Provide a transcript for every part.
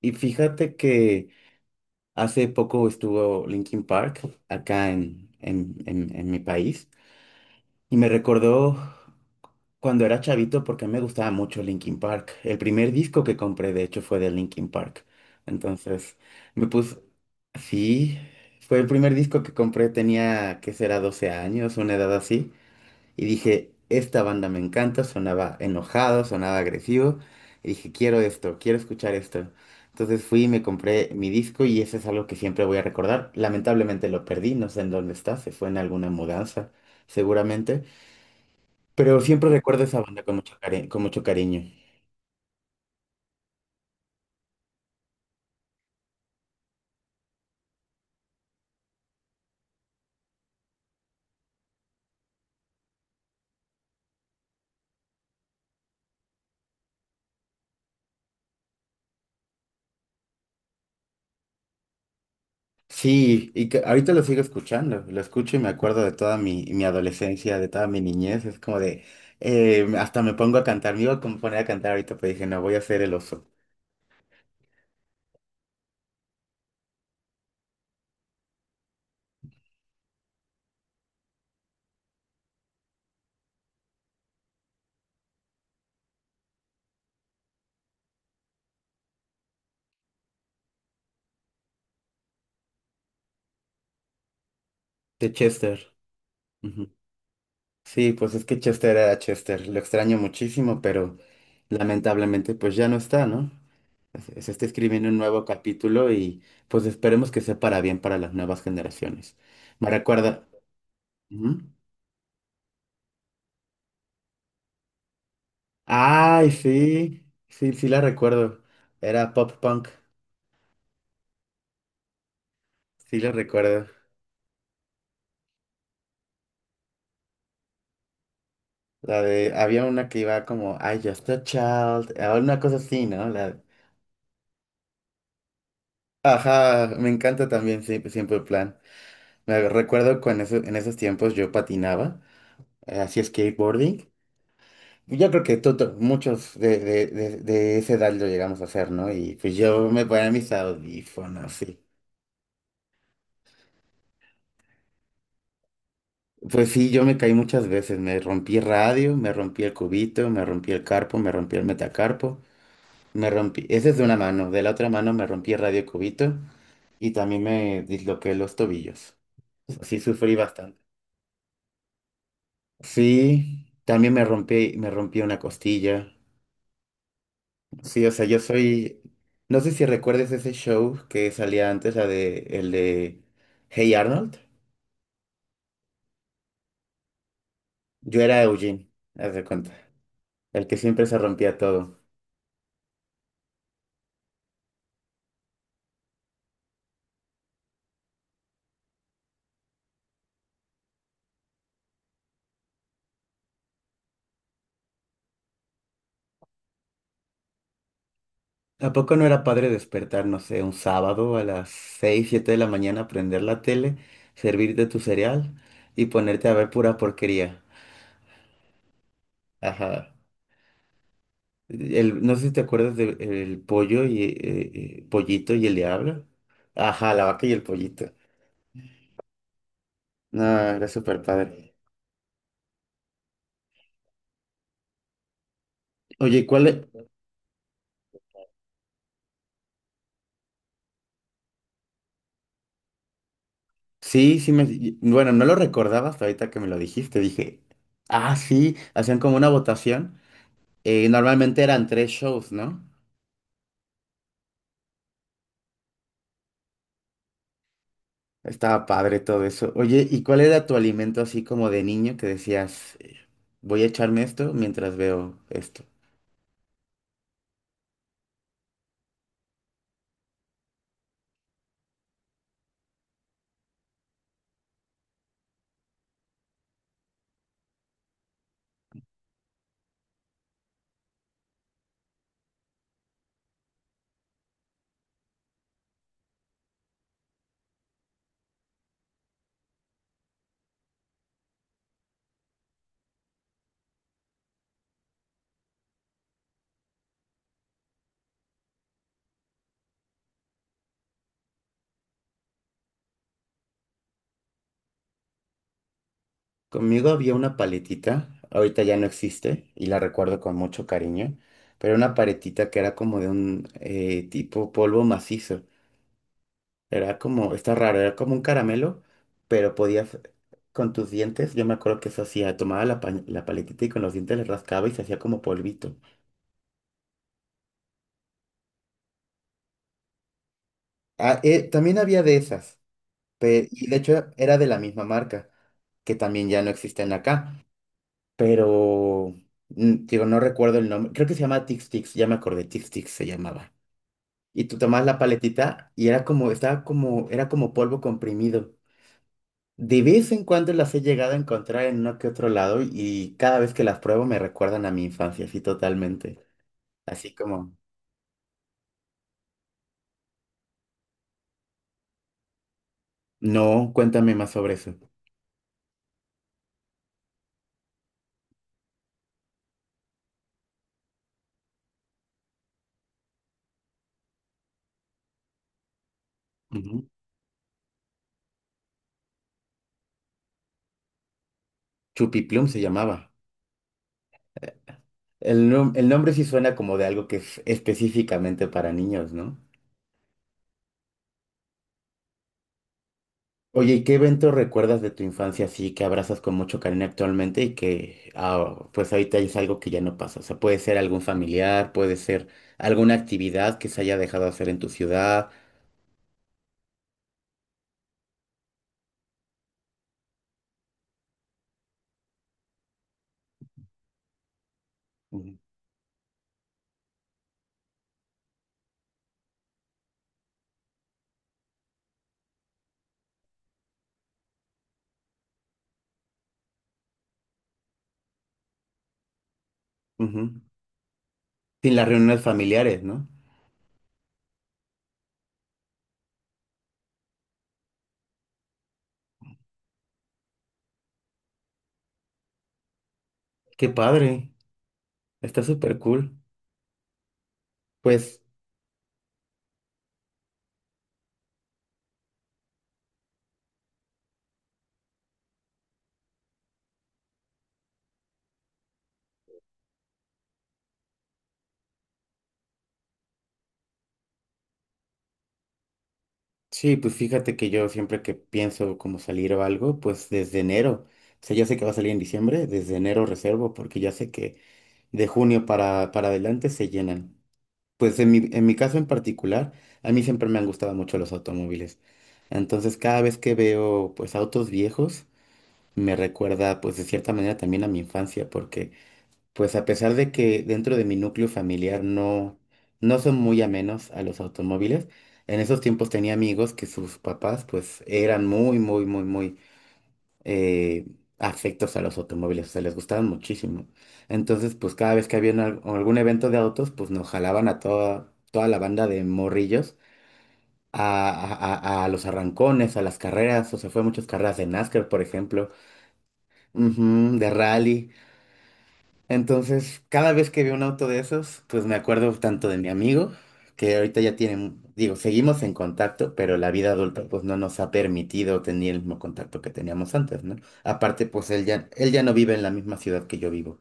Y fíjate que hace poco estuvo Linkin Park acá en mi país y me recordó cuando era chavito porque a mí me gustaba mucho Linkin Park. El primer disco que compré, de hecho, fue de Linkin Park. Entonces me puse, sí, fue el primer disco que compré, tenía, ¿qué será? 12 años, una edad así. Y dije, esta banda me encanta, sonaba enojado, sonaba agresivo. Y dije, quiero esto, quiero escuchar esto. Entonces fui y me compré mi disco y eso es algo que siempre voy a recordar. Lamentablemente lo perdí, no sé en dónde está, se fue en alguna mudanza, seguramente. Pero siempre recuerdo esa banda con con mucho cariño. Sí, y que ahorita lo sigo escuchando, lo escucho y me acuerdo de toda mi adolescencia, de toda mi niñez. Es como de, hasta me pongo a cantar, me iba a poner a cantar ahorita, pero dije, no, voy a ser el oso. De Chester. Ujú. Sí, pues es que Chester era Chester, lo extraño muchísimo, pero lamentablemente pues ya no está, ¿no? Se está escribiendo un nuevo capítulo y pues esperemos que sea para bien para las nuevas generaciones. Me recuerda... Ujú. Ay, sí, sí, sí la recuerdo. Era pop punk, sí la recuerdo. La de, había una que iba como, I just a child, o una cosa así, ¿no? La... Ajá, me encanta también siempre, siempre el plan. Me recuerdo cuando en esos tiempos yo patinaba. Así es skateboarding. Yo creo que muchos de esa edad lo llegamos a hacer, ¿no? Y pues yo me ponía mis audífonos, sí. Pues sí, yo me caí muchas veces. Me rompí radio, me rompí el cubito, me rompí el carpo, me rompí el metacarpo, me rompí. Ese es de una mano. De la otra mano me rompí radio y cubito y también me disloqué los tobillos. Sí, sufrí bastante. Sí, también me rompí una costilla. Sí, o sea, yo soy. No sé si recuerdes ese show que salía antes, la de el de Hey Arnold. Yo era Eugene, haz de cuenta. El que siempre se rompía todo. ¿A poco no era padre despertar, no sé, un sábado a las 6 7 de la mañana, prender la tele, servirte tu cereal y ponerte a ver pura porquería? Ajá. El, no sé si te acuerdas del el pollo y pollito y el diablo. Ajá, la vaca y el pollito. No, era súper padre. Oye, ¿cuál, sí, sí me... Bueno, no lo recordaba hasta ahorita que me lo dijiste. Dije, ah, sí, hacían como una votación. Normalmente eran 3 shows, ¿no? Estaba padre todo eso. Oye, ¿y cuál era tu alimento así como de niño que decías, voy a echarme esto mientras veo esto? Conmigo había una paletita, ahorita ya no existe y la recuerdo con mucho cariño, pero era una paletita que era como de un tipo polvo macizo. Era como, está raro, era como un caramelo, pero podías, con tus dientes, yo me acuerdo que eso hacía, tomaba la, la paletita y con los dientes le rascaba y se hacía como polvito. Ah, también había de esas, y de hecho era de la misma marca, que también ya no existen acá, pero, digo, no recuerdo el nombre, creo que se llama Tix Tix, ya me acordé, Tix Tix se llamaba. Y tú tomabas la paletita y era como, estaba como, era como polvo comprimido. De vez en cuando las he llegado a encontrar en uno que otro lado y cada vez que las pruebo me recuerdan a mi infancia, así totalmente. Así como, no, cuéntame más sobre eso. Ujú. Chupiplum se llamaba. El, el nombre sí suena como de algo que es específicamente para niños, ¿no? Oye, ¿y qué evento recuerdas de tu infancia así que abrazas con mucho cariño actualmente y que ah, pues ahorita es algo que ya no pasa? O sea, puede ser algún familiar, puede ser alguna actividad que se haya dejado hacer en tu ciudad. Ujú. Ujú. Sin las reuniones familiares, ¿no? Qué padre, está súper cool. Pues sí, pues fíjate que yo siempre que pienso como salir o algo, pues desde enero, o sea, ya sé que va a salir en diciembre, desde enero reservo, porque ya sé que de junio para adelante se llenan. Pues en mi caso en particular, a mí siempre me han gustado mucho los automóviles. Entonces cada vez que veo pues autos viejos, me recuerda pues de cierta manera también a mi infancia, porque... Pues a pesar de que dentro de mi núcleo familiar no, no son muy amenos a los automóviles, en esos tiempos tenía amigos que sus papás pues eran muy, muy, muy, muy eh, afectos a los automóviles, o sea, les gustaban muchísimo. Entonces pues cada vez que había algún evento de autos pues nos jalaban a toda, toda la banda de morrillos a, a los arrancones, a las carreras, o sea, fue a muchas carreras de NASCAR, por ejemplo, ujú, de rally. Entonces, cada vez que veo un auto de esos, pues me acuerdo tanto de mi amigo, que ahorita ya tiene, digo, seguimos en contacto, pero la vida adulta pues no nos ha permitido tener el mismo contacto que teníamos antes, ¿no? Aparte, pues él ya no vive en la misma ciudad que yo vivo.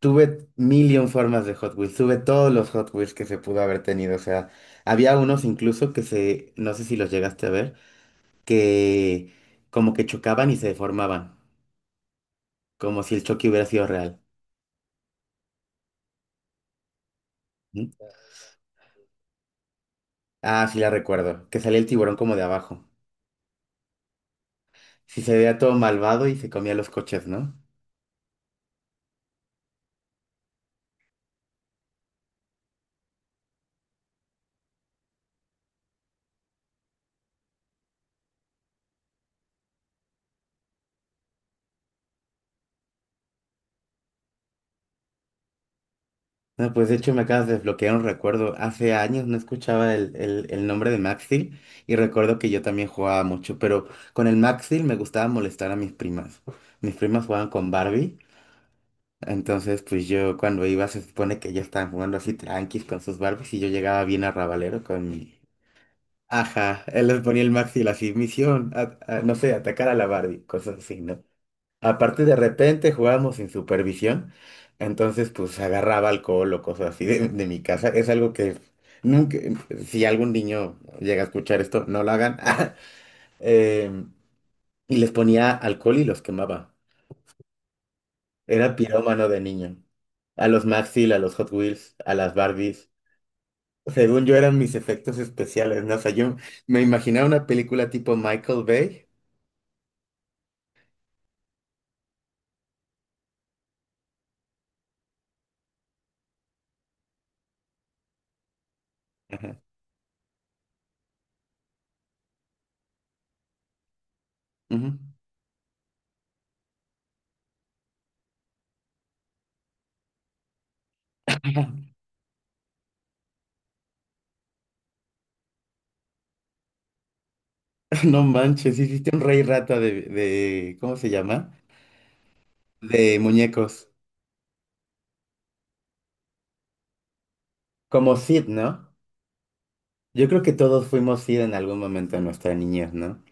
Tuve mil y un formas de Hot Wheels, tuve todos los Hot Wheels que se pudo haber tenido, o sea, había unos incluso que se, no sé si los llegaste a ver, que como que chocaban y se deformaban, como si el choque hubiera sido real. ¿No? Ah, sí la recuerdo, que salía el tiburón como de abajo. Sí se veía todo malvado y se comía los coches, ¿no? No, pues de hecho me acabas de desbloquear un recuerdo. Hace años no escuchaba el nombre de Max Steel y recuerdo que yo también jugaba mucho, pero con el Max Steel me gustaba molestar a mis primas. Mis primas jugaban con Barbie, entonces pues yo cuando iba se supone que ellas estaban jugando así tranquis con sus Barbies y yo llegaba bien arrabalero con mi... Ajá, él les ponía el Max Steel así, misión, no sé, atacar a la Barbie, cosas así, ¿no? Aparte, de repente jugábamos sin supervisión, entonces pues agarraba alcohol o cosas así de mi casa. Es algo que nunca, si algún niño llega a escuchar esto, no lo hagan. Eh, y les ponía alcohol y los quemaba. Era pirómano de niño. A los Maxil, a los Hot Wheels, a las Barbies. Según yo eran mis efectos especiales, ¿no? O sea, yo me imaginaba una película tipo Michael Bay. Ujú. No manches, hiciste un rey rata ¿cómo se llama? De muñecos. Como Sid, ¿no? Yo creo que todos fuimos Sid en algún momento de nuestra niñez, ¿no?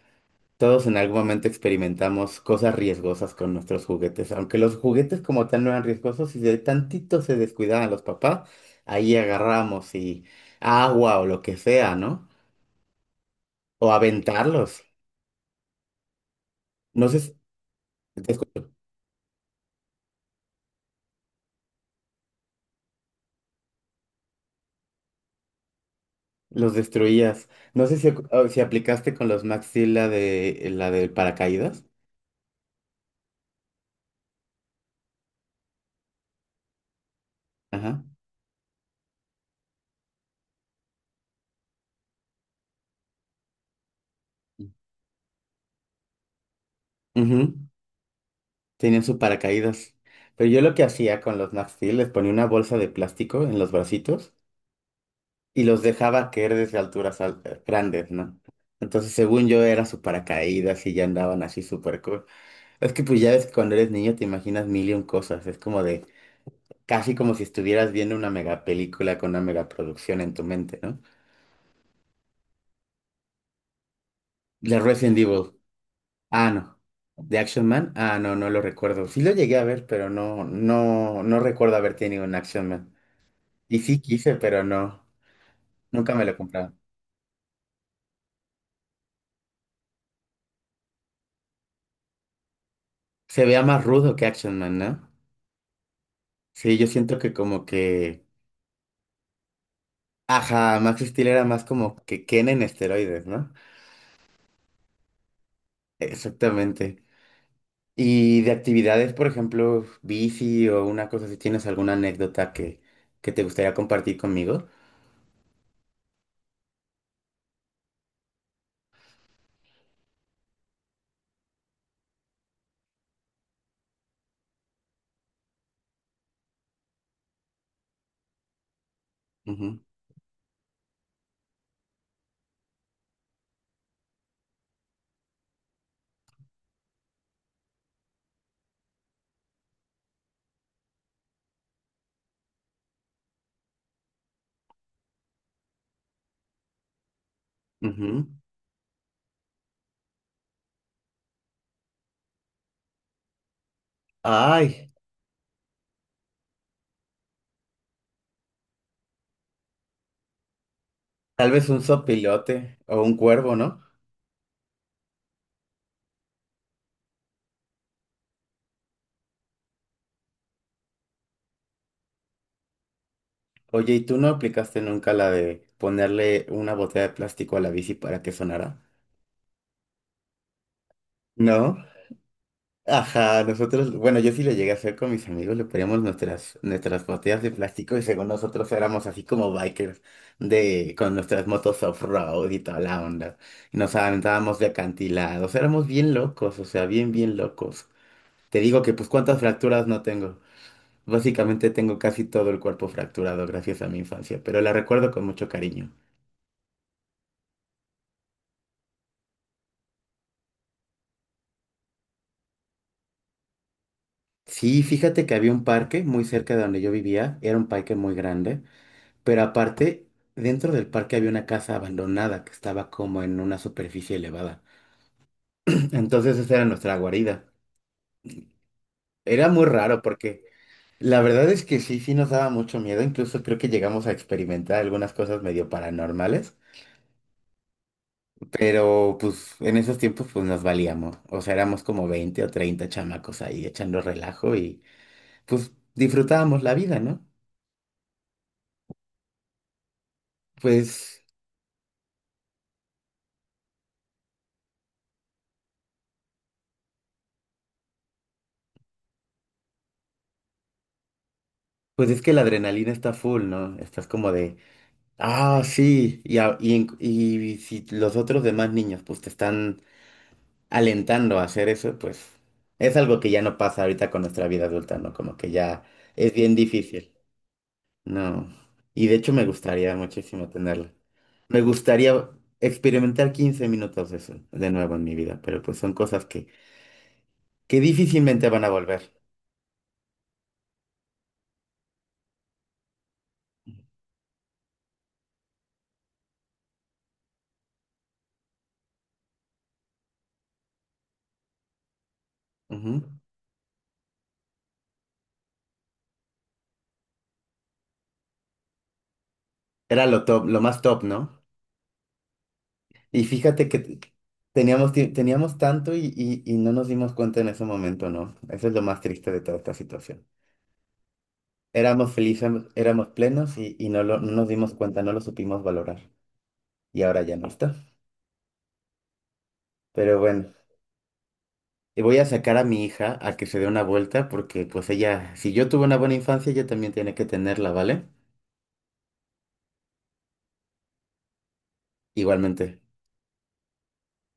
Todos en algún momento experimentamos cosas riesgosas con nuestros juguetes, aunque los juguetes como tal no eran riesgosos, si de tantito se descuidaban los papás, ahí agarramos y agua o lo que sea, ¿no? O aventarlos. No sé si descu- los destruías. No sé si, si aplicaste con los Max Steel la de la del paracaídas. Ajá. Ujú. Tenían su paracaídas. Pero yo lo que hacía con los Nat Steel, les ponía una bolsa de plástico en los bracitos y los dejaba caer desde alturas grandes, ¿no? Entonces, según yo, era su paracaídas y ya andaban así súper cool. Es que pues ya ves que cuando eres niño te imaginas mil y un cosas. Es como de, casi como si estuvieras viendo una mega película con una mega producción en tu mente, ¿no? The Resident Evil. Ah, no. The Action Man. Ah, no, no lo recuerdo. Sí lo llegué a ver, pero no, no recuerdo haber tenido un Action Man. Y sí quise, pero no, nunca me lo compraron. Se veía más rudo que Action Man, ¿no? Sí, yo siento que como que... Ajá, Max Steel era más como que Ken en esteroides, ¿no? Exactamente. Y de actividades, por ejemplo, bici o una cosa, si tienes alguna anécdota que te gustaría compartir conmigo. Ujú, ujú. Ay, tal vez un sopilote o un cuervo, ¿no? Oye, ¿y tú no aplicaste nunca la de ponerle una botella de plástico a la bici para que sonara? ¿No? Ajá, nosotros, bueno, yo sí lo llegué a hacer con mis amigos, le poníamos nuestras botellas de plástico y según nosotros éramos así como bikers de, con nuestras motos off-road y toda la onda. Y nos aventábamos de acantilados, éramos bien locos, o sea, bien, bien locos. Te digo que pues cuántas fracturas no tengo. Básicamente tengo casi todo el cuerpo fracturado gracias a mi infancia, pero la recuerdo con mucho cariño. Sí, fíjate que había un parque muy cerca de donde yo vivía, era un parque muy grande. Pero aparte, dentro del parque había una casa abandonada que estaba como en una superficie elevada. Entonces esa era nuestra guarida. Era muy raro porque la verdad es que sí, sí nos daba mucho miedo. Incluso creo que llegamos a experimentar algunas cosas medio paranormales. Pero pues en esos tiempos pues nos valíamos. O sea, éramos como 20 o 30 chamacos ahí echando relajo y pues disfrutábamos la vida, ¿no? Pues, pues es que la adrenalina está full, ¿no? Estás como de... Ah, sí, y si los otros demás niños pues te están alentando a hacer eso, pues es algo que ya no pasa ahorita con nuestra vida adulta, ¿no? Como que ya es bien difícil, ¿no? Y de hecho me gustaría muchísimo tenerlo. Me gustaría experimentar 15 minutos de eso de nuevo en mi vida, pero pues son cosas que difícilmente van a volver. Ujú. Era lo top, lo más top, ¿no? Y fíjate que teníamos, teníamos tanto y no nos dimos cuenta en ese momento, ¿no? Eso es lo más triste de toda esta situación. Éramos felices, éramos plenos no nos dimos cuenta, no lo supimos valorar. Y ahora ya no está. Pero bueno, y voy a sacar a mi hija a que se dé una vuelta porque pues ella, si yo tuve una buena infancia, ella también tiene que tenerla, ¿vale? Igualmente.